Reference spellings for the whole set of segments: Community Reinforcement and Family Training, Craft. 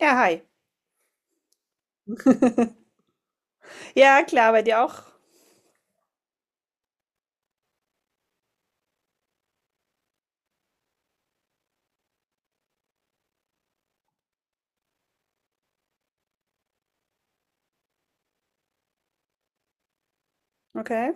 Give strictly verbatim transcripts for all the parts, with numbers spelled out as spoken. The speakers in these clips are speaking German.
Ja, hi. Ja, klar, bei dir auch? Okay.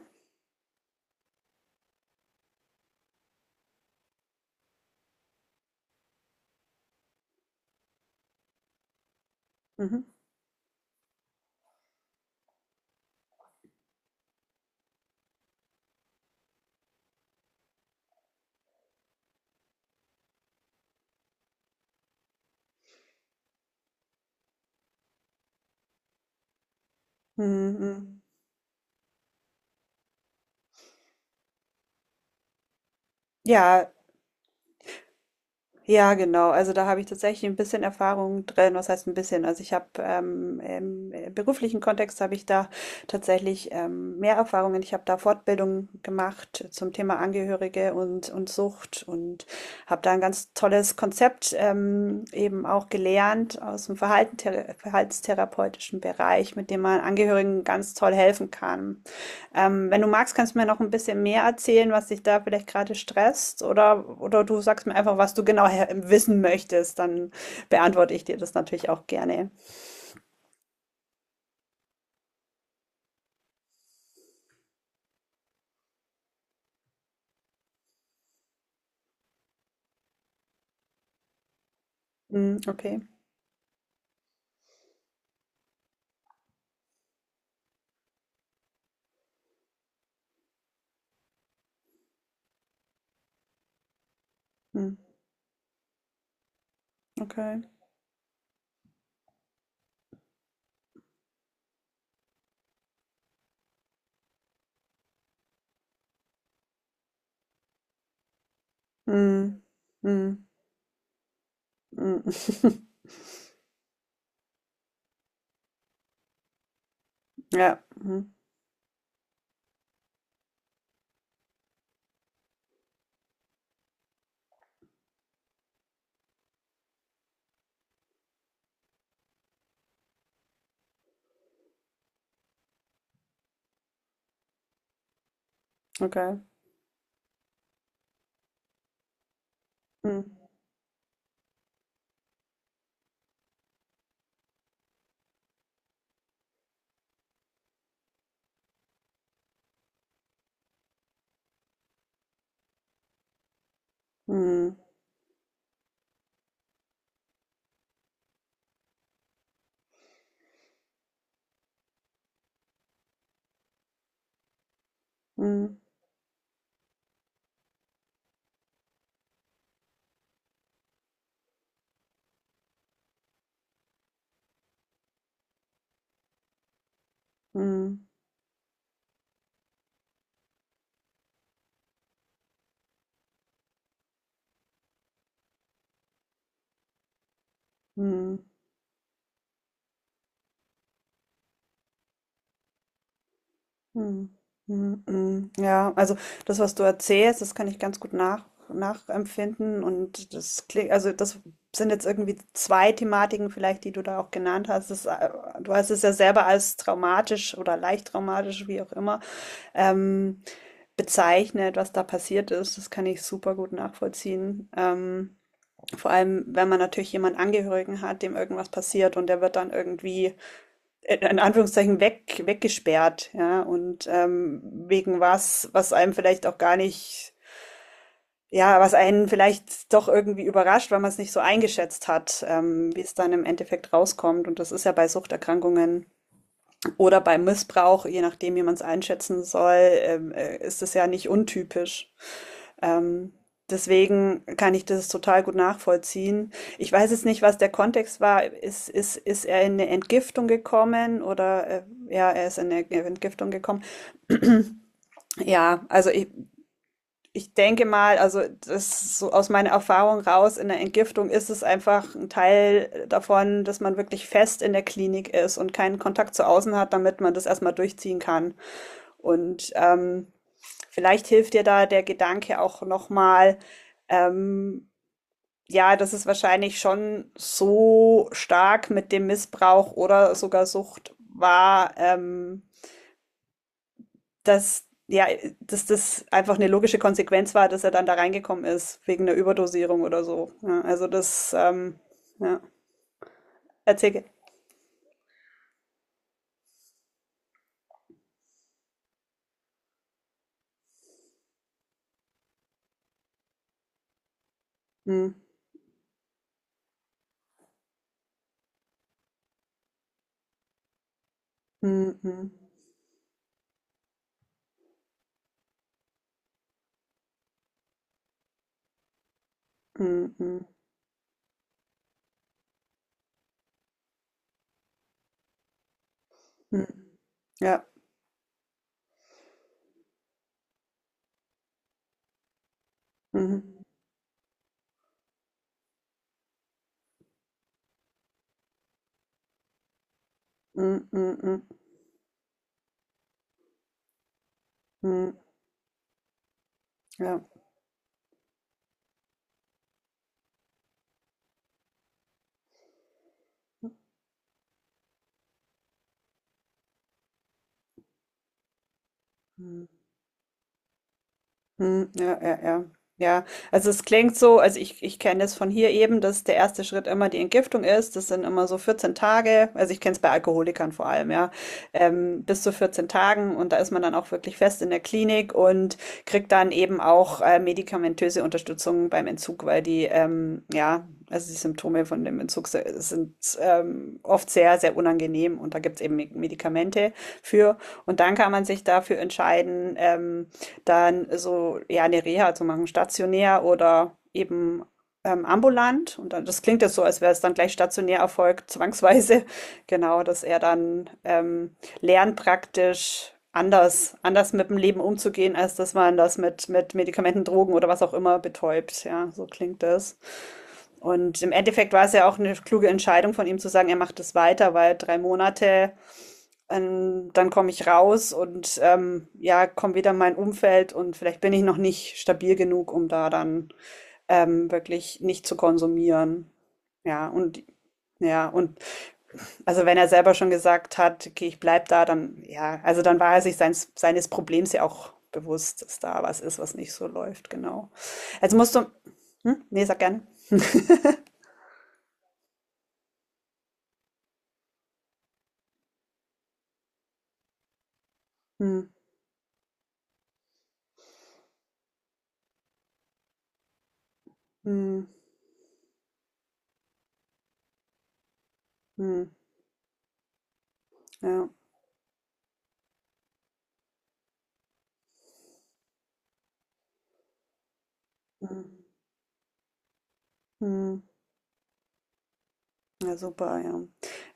Mhm. Mhm. Ja, ja, genau. Also da habe ich tatsächlich ein bisschen Erfahrung drin. Was heißt ein bisschen? Also ich habe ähm, im äh, beruflichen Kontext habe ich da tatsächlich ähm, mehr Erfahrungen. Ich habe da Fortbildungen gemacht zum Thema Angehörige und, und Sucht und habe da ein ganz tolles Konzept ähm, eben auch gelernt aus dem Verhalten, verhaltenstherapeutischen Bereich, mit dem man Angehörigen ganz toll helfen kann. Ähm, wenn du magst, kannst du mir noch ein bisschen mehr erzählen, was dich da vielleicht gerade stresst, oder, oder du sagst mir einfach, was du genau her- wissen möchtest, dann beantworte ich dir das natürlich auch gerne. Hm, okay. Hm, okay. Hm, hm, hm. Ja. Hm, okay. Hm, hm, hm, hm, hm. Hm. Hm, mhm, mhm. Ja, also das, was du erzählst, das kann ich ganz gut nach, nachempfinden, und das klingt, also das sind jetzt irgendwie zwei Thematiken vielleicht, die du da auch genannt hast. Das, äh, du hast es ja selber als traumatisch oder leicht traumatisch, wie auch immer, ähm, bezeichnet, was da passiert ist. Das kann ich super gut nachvollziehen. Ähm, vor allem, wenn man natürlich jemanden Angehörigen hat, dem irgendwas passiert und der wird dann irgendwie äh, in Anführungszeichen weg, weggesperrt, ja, und ähm, wegen was, was einem vielleicht auch gar nicht, ja, was einen vielleicht doch irgendwie überrascht, weil man es nicht so eingeschätzt hat, ähm, wie es dann im Endeffekt rauskommt. Und das ist ja bei Suchterkrankungen oder bei Missbrauch, je nachdem, wie man es einschätzen soll, ähm, äh, ist es ja nicht untypisch. Ähm, deswegen kann ich das total gut nachvollziehen. Ich weiß jetzt nicht, was der Kontext war. Ist, ist, ist er in eine Entgiftung gekommen oder äh, ja, er ist in eine Entgiftung gekommen. Ja, also ich, ich denke mal, also das so aus meiner Erfahrung raus, in der Entgiftung ist es einfach ein Teil davon, dass man wirklich fest in der Klinik ist und keinen Kontakt zu außen hat, damit man das erstmal durchziehen kann. Und ähm, vielleicht hilft dir da der Gedanke auch nochmal, ähm, ja, das ist wahrscheinlich schon so stark mit dem Missbrauch oder sogar Sucht war, ähm, dass ja, dass das einfach eine logische Konsequenz war, dass er dann da reingekommen ist, wegen einer Überdosierung oder so. Ja, also das, ähm, ja, erzähl. Mm, mm, mm, mm, mm, mm. Ja. Mhm. Mm, mm, mm, mm. Ja. Mm. Hm, ja, ja, ja. Ja, also es klingt so, also ich, ich kenne es von hier eben, dass der erste Schritt immer die Entgiftung ist. Das sind immer so vierzehn Tage, also ich kenne es bei Alkoholikern vor allem, ja, ähm, bis zu vierzehn Tagen, und da ist man dann auch wirklich fest in der Klinik und kriegt dann eben auch äh, medikamentöse Unterstützung beim Entzug, weil die, ähm, ja, also die Symptome von dem Entzug se- sind ähm, oft sehr, sehr unangenehm, und da gibt es eben Medikamente für. Und dann kann man sich dafür entscheiden, ähm, dann so ja eine Reha zu machen, stationär oder eben ähm, ambulant. Und dann, das klingt jetzt so, als wäre es dann gleich stationär erfolgt, zwangsweise. Genau, dass er dann ähm, lernt praktisch anders, anders mit dem Leben umzugehen, als dass man das mit, mit Medikamenten, Drogen oder was auch immer betäubt. Ja, so klingt das. Und im Endeffekt war es ja auch eine kluge Entscheidung von ihm zu sagen, er macht es weiter, weil drei Monate ähm, dann komme ich raus und ähm, ja, komme wieder in mein Umfeld und vielleicht bin ich noch nicht stabil genug, um da dann ähm, wirklich nicht zu konsumieren. Ja, und ja, und also wenn er selber schon gesagt hat, okay, ich bleib da, dann ja, also dann war er sich seines, seines Problems ja auch bewusst, dass da was ist, was nicht so läuft, genau. Also musst du, hm? Nee, sag gerne. Hm, hm, hm, ja. Hm, hm. Ja, super, ja.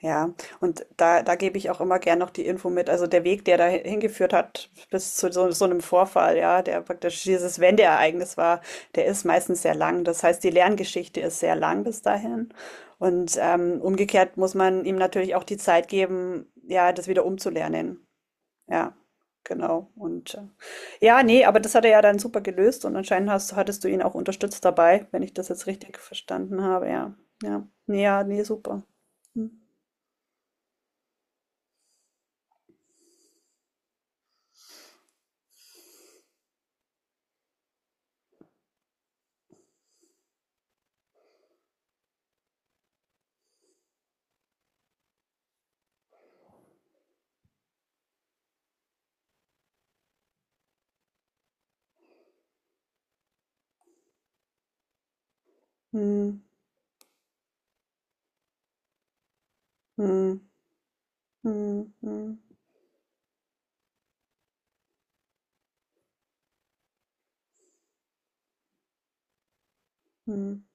Ja, und da, da gebe ich auch immer gern noch die Info mit. Also der Weg, der da hingeführt hat bis zu so, so einem Vorfall, ja, der praktisch dieses Wendeereignis war, der ist meistens sehr lang. Das heißt, die Lerngeschichte ist sehr lang bis dahin. Und ähm, umgekehrt muss man ihm natürlich auch die Zeit geben, ja, das wieder umzulernen. Ja, genau. Und äh, ja, ne, aber das hat er ja dann super gelöst, und anscheinend hast, hattest du ihn auch unterstützt dabei, wenn ich das jetzt richtig verstanden habe. Ja, ja, ne, ja, nee, super. Hm, hm, hm, hm, hm, hm,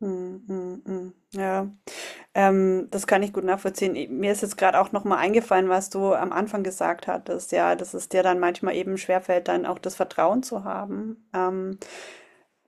hm, hm, hm. Ja, ähm, das kann ich gut nachvollziehen. Ich- Mir ist jetzt gerade auch nochmal eingefallen, was du am Anfang gesagt hattest, ja, dass es dir dann manchmal eben schwerfällt, dann auch das Vertrauen zu haben. Ähm,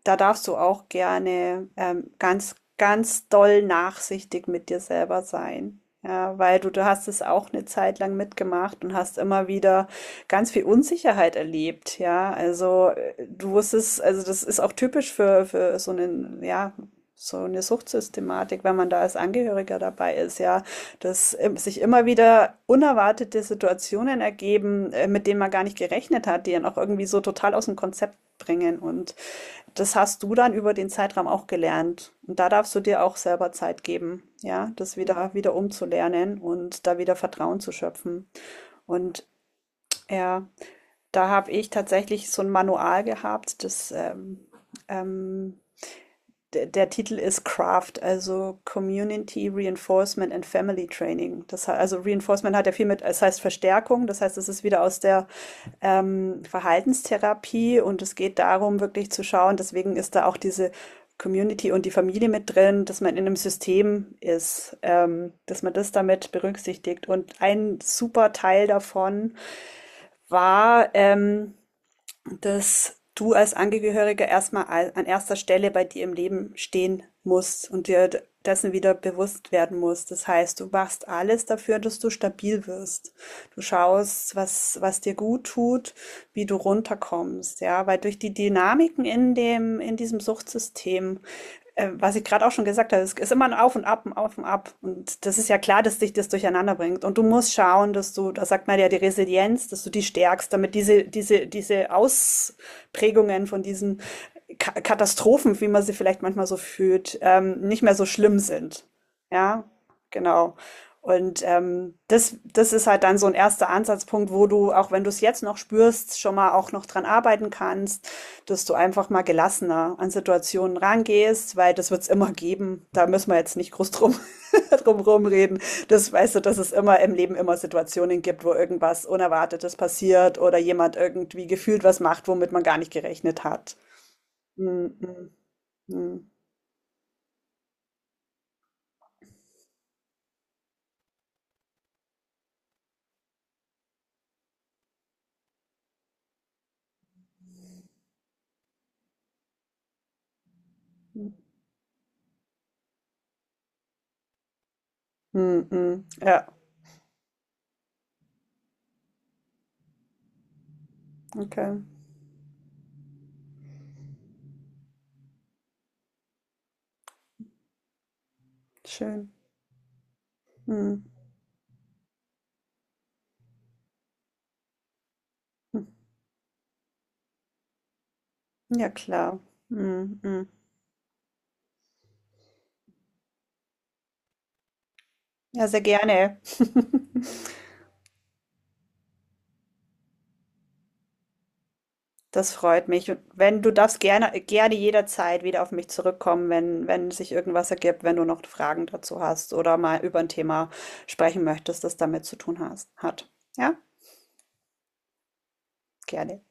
da darfst du auch gerne ähm, ganz, ganz doll nachsichtig mit dir selber sein. Ja, weil du, du hast es auch eine Zeit lang mitgemacht und hast immer wieder ganz viel Unsicherheit erlebt. Ja, also äh, du wusstest, also das ist auch typisch für, für so einen, ja, so eine Suchtsystematik, wenn man da als Angehöriger dabei ist, ja, dass ähm, sich immer wieder unerwartete Situationen ergeben, äh, mit denen man gar nicht gerechnet hat, die dann auch irgendwie so total aus dem Konzept bringen, und das hast du dann über den Zeitraum auch gelernt. Und da darfst du dir auch selber Zeit geben, ja, das wieder, wieder umzulernen und da wieder Vertrauen zu schöpfen. Und ja, da habe ich tatsächlich so ein Manual gehabt, das ähm, ähm, der, der Titel ist Craft, also Community Reinforcement and Family Training. Das, he- also Reinforcement hat ja viel mit, es heißt Verstärkung, das heißt, es ist wieder aus der ähm, Verhaltenstherapie, und es geht darum, wirklich zu schauen, deswegen ist da auch diese Community und die Familie mit drin, dass man in einem System ist, ähm, dass man das damit berücksichtigt. Und ein super Teil davon war, ähm, dass du als Angehöriger erstmal al- an erster Stelle bei dir im Leben stehen musst und dir d- dessen wieder bewusst werden musst. Das heißt, du machst alles dafür, dass du stabil wirst. Du schaust, was, was dir gut tut, wie du runterkommst, ja, weil durch die Dynamiken in dem, in diesem Suchtsystem äh, was ich gerade auch schon gesagt habe, es ist immer ein Auf und Ab, ein Auf und Ab. Und das ist ja klar, dass dich das durcheinander bringt. Und du musst schauen, dass du, da sagt man ja die Resilienz, dass du die stärkst, damit diese, diese, diese Ausprägungen von diesen Ka Katastrophen, wie man sie vielleicht manchmal so fühlt, ähm, nicht mehr so schlimm sind. Ja, genau. Und ähm, das, das ist halt dann so ein erster Ansatzpunkt, wo du, auch wenn du es jetzt noch spürst, schon mal auch noch dran arbeiten kannst, dass du einfach mal gelassener an Situationen rangehst, weil das wird's immer geben. Da müssen wir jetzt nicht groß drum, drum rumreden. Das weißt du, dass es immer im Leben immer Situationen gibt, wo irgendwas Unerwartetes passiert oder jemand irgendwie gefühlt was macht, womit man gar nicht gerechnet hat. Mhm. Mhm. Mhm. Ja, okay. Schön. Mhm. Ja, klar. Mhm. Ja, sehr gerne. Das freut mich. Und wenn du darfst gerne, gerne jederzeit wieder auf mich zurückkommen, wenn, wenn sich irgendwas ergibt, wenn du noch Fragen dazu hast oder mal über ein Thema sprechen möchtest, das damit zu tun hast, hat. Ja, gerne.